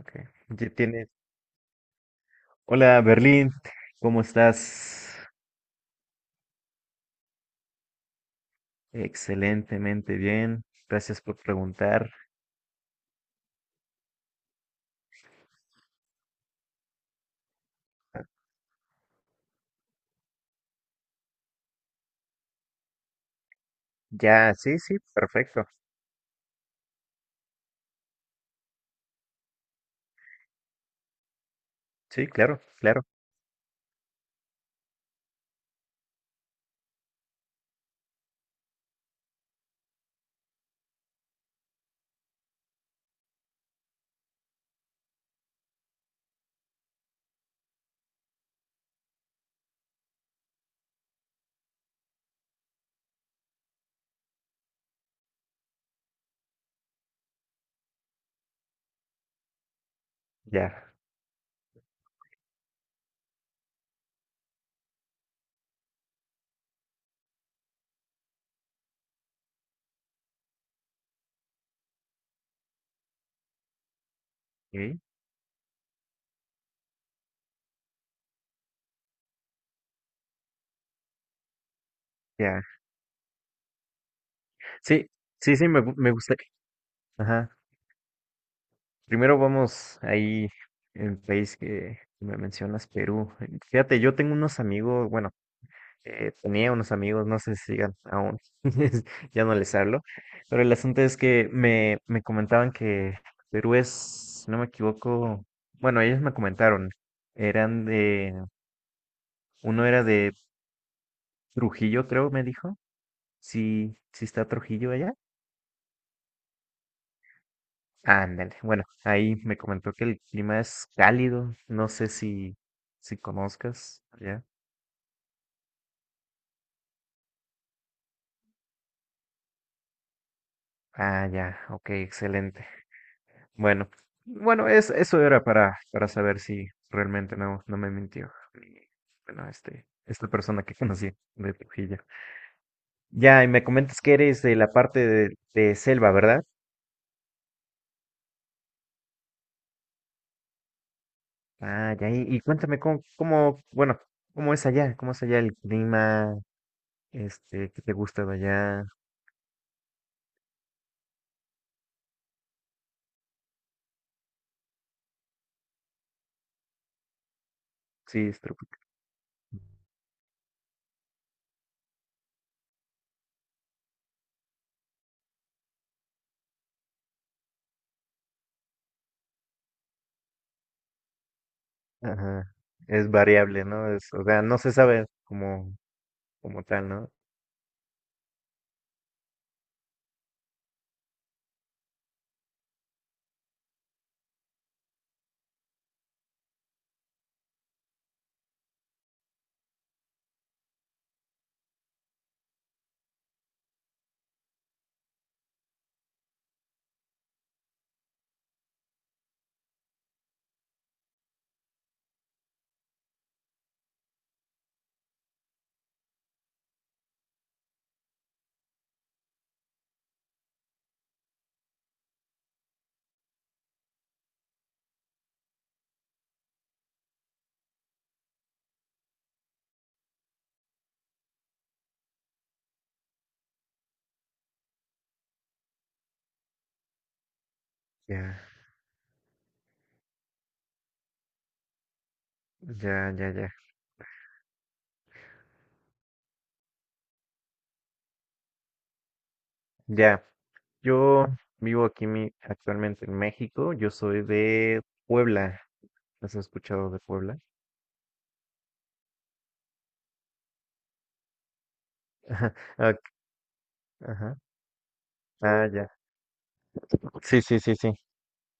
Ok. Ya tienes. Hola, Berlín, ¿cómo estás? Excelentemente bien. Gracias por preguntar. Ya, sí, sí, perfecto. Sí, claro, claro. Ya. Ok, ya. Sí, sí, sí, me gusta. Ajá. Primero vamos ahí, el país que me mencionas, Perú. Fíjate, yo tengo unos amigos, bueno, tenía unos amigos, no sé si sigan aún, ya no les hablo, pero el asunto es que me comentaban que Perú es, si no me equivoco, bueno, ellos me comentaron, eran de, uno era de Trujillo, creo, me dijo, sí, sí está Trujillo allá. Ándale, bueno, ahí me comentó que el clima es cálido, no sé si, si conozcas allá. Ah, ya, ok, excelente. Bueno, bueno, es, eso era para saber si realmente no, no me mintió. Bueno, este, esta persona que conocí de Trujillo. Ya, y me comentas que eres de la parte de selva, ¿verdad? Ah, ya, y cuéntame cómo, cómo, bueno, cómo es allá el clima, este, qué te gusta de allá. Sí, es tropical. Ajá. Es variable, ¿no? Es, o sea, no se sabe como, como tal, ¿no? Ya, ya, ya, ya. Ya, yo vivo actualmente en México, yo soy de Puebla, ¿has escuchado de Puebla? Ah, ajá, ah, ya. Sí, sí, sí, sí.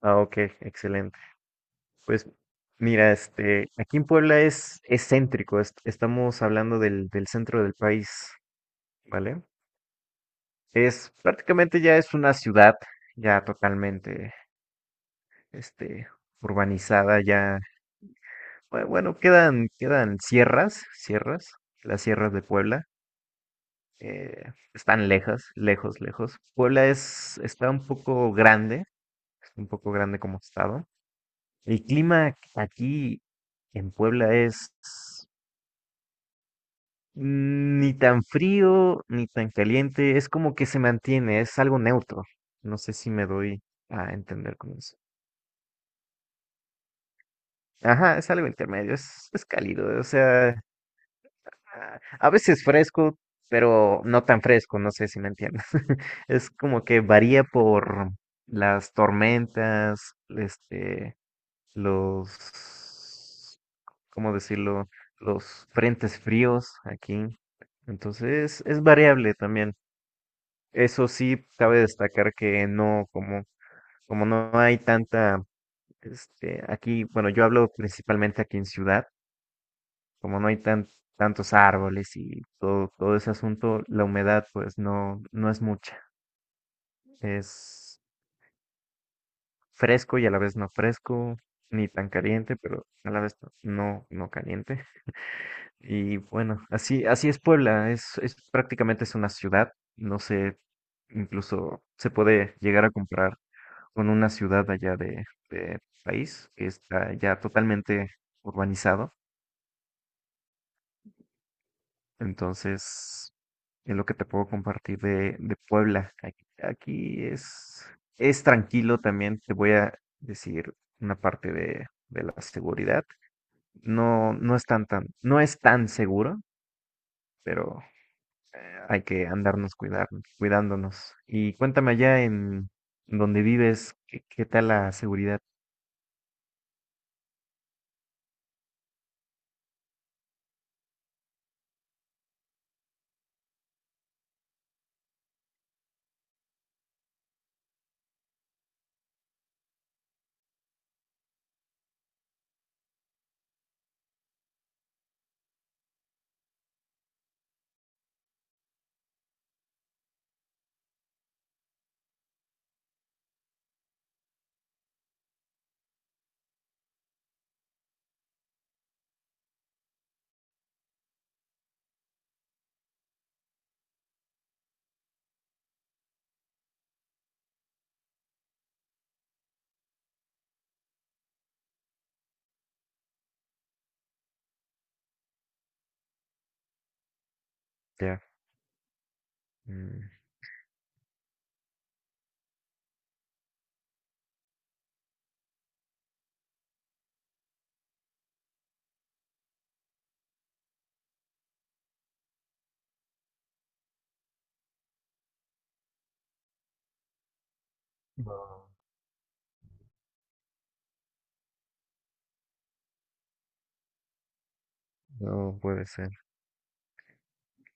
Ah, ok, excelente. Pues mira, este, aquí en Puebla es excéntrico, estamos hablando del centro del país, ¿vale? Es prácticamente ya es una ciudad ya totalmente, este, urbanizada, ya, bueno, quedan, quedan sierras, sierras, las sierras de Puebla, eh, están lejos, lejos, lejos. Puebla es, está un poco grande, es un poco grande como estado. El clima aquí en Puebla es ni tan frío ni tan caliente, es como que se mantiene, es algo neutro. No sé si me doy a entender con eso. Ajá, es algo intermedio, es cálido, o sea, ah, a veces fresco, pero no tan fresco, no sé si me entiendes. Es como que varía por las tormentas, este, los, ¿cómo decirlo? Los frentes fríos aquí. Entonces es variable también. Eso sí, cabe destacar que no, como, como no hay tanta, este, aquí, bueno, yo hablo principalmente aquí en ciudad, como no hay tantos árboles y todo, todo ese asunto, la humedad pues no, no es mucha. Es fresco y a la vez no fresco, ni tan caliente, pero a la vez no, no caliente. Y bueno, así, así es Puebla, es prácticamente es una ciudad, no sé, incluso se puede llegar a comprar con una ciudad allá de país que está ya totalmente urbanizado. Entonces, es lo que te puedo compartir de Puebla. Aquí, aquí es tranquilo también. Te voy a decir una parte de la seguridad. No, no es tan, tan, no es tan seguro, pero hay que andarnos cuidándonos. Y cuéntame allá en donde vives, ¿qué, qué tal la seguridad ya? Mm, no, no puede ser.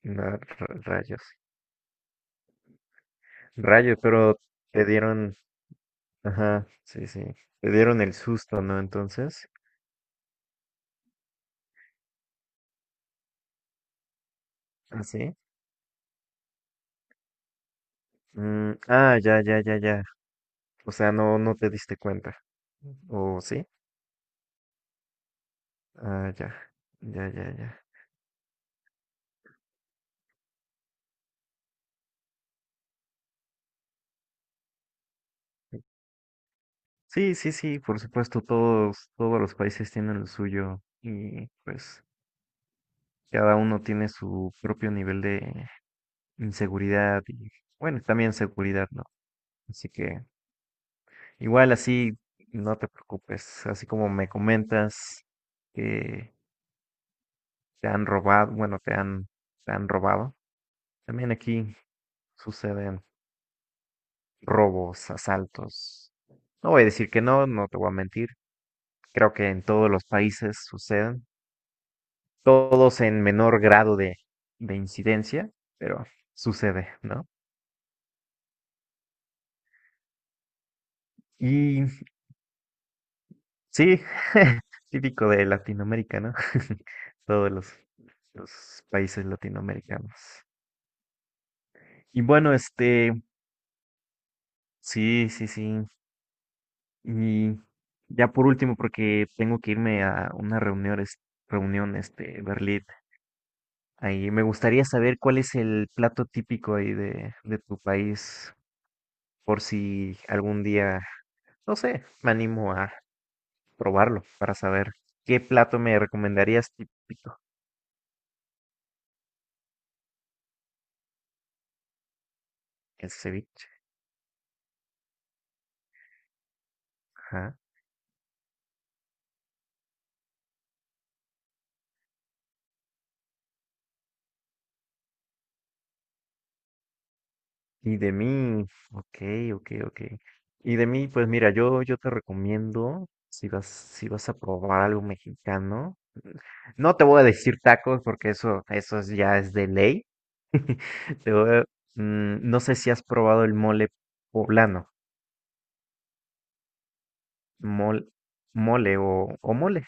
No, rayos. Rayos, pero te dieron, ajá, sí, sí. Te dieron el susto, ¿no? Entonces. ¿Ah, sí? Mm, ah, ya, ya, ya, ya. O sea, no, no te diste cuenta. ¿O sí? Ah, ya. Ya, ya, ya. Sí, sí, sí, por supuesto, todos, todos los países tienen lo suyo y pues cada uno tiene su propio nivel de inseguridad y bueno, también seguridad, ¿no? Así que igual así, no te preocupes, así como me comentas que se han robado, bueno, te han, se han robado. También aquí suceden robos, asaltos. No voy a decir que no, no te voy a mentir. Creo que en todos los países suceden, todos en menor grado de incidencia, pero sucede, ¿no? Y sí, típico de Latinoamérica, ¿no? Todos los países latinoamericanos. Y bueno, este, sí, sí, sí, y ya por último, porque tengo que irme a una reunión, reunión, este, Berlín. Ahí me gustaría saber cuál es el plato típico ahí de tu país, por si algún día, no sé, me animo a probarlo para saber qué plato me recomendarías típico. El ceviche. Ajá. Y de mí, ok, ok, ok. Y de mí, pues mira, yo te recomiendo, si vas, si vas a probar algo mexicano, no te voy a decir tacos porque eso, ya es de ley. Te voy a- mm, no sé si has probado el mole poblano, mol- mole o mole,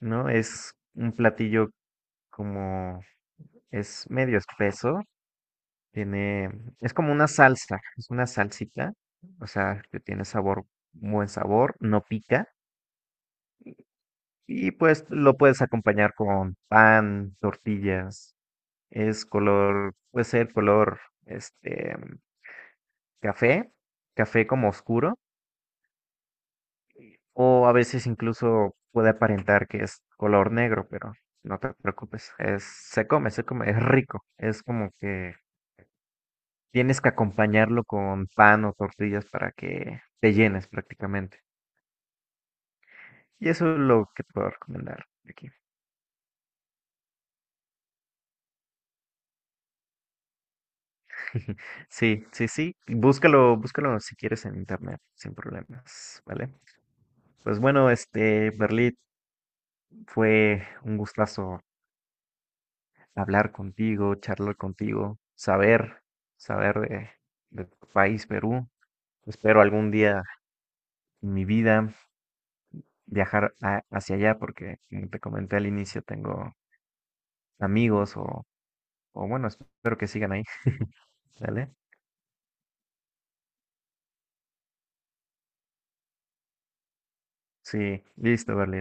¿no? Es un platillo como, es medio espeso, tiene, es como una salsa, es una salsita, o sea, que tiene sabor, buen sabor, no pica, y pues lo puedes acompañar con pan, tortillas, es color, puede ser color, este, café, café como oscuro, o a veces incluso puede aparentar que es color negro, pero no te preocupes, es, se come, es rico, es como que tienes que acompañarlo con pan o tortillas para que te llenes prácticamente. Y eso es lo que te puedo recomendar aquí. Sí, sí, sí, búscalo, búscalo si quieres en internet, sin problemas, ¿vale? Pues bueno, este, Berlit, fue un gustazo hablar contigo, charlar contigo, saber, saber de tu país, Perú. Espero algún día en mi vida hacia allá porque, como te comenté al inicio, tengo amigos o bueno, espero que sigan ahí, ¿vale? Sí, listo, Berlín.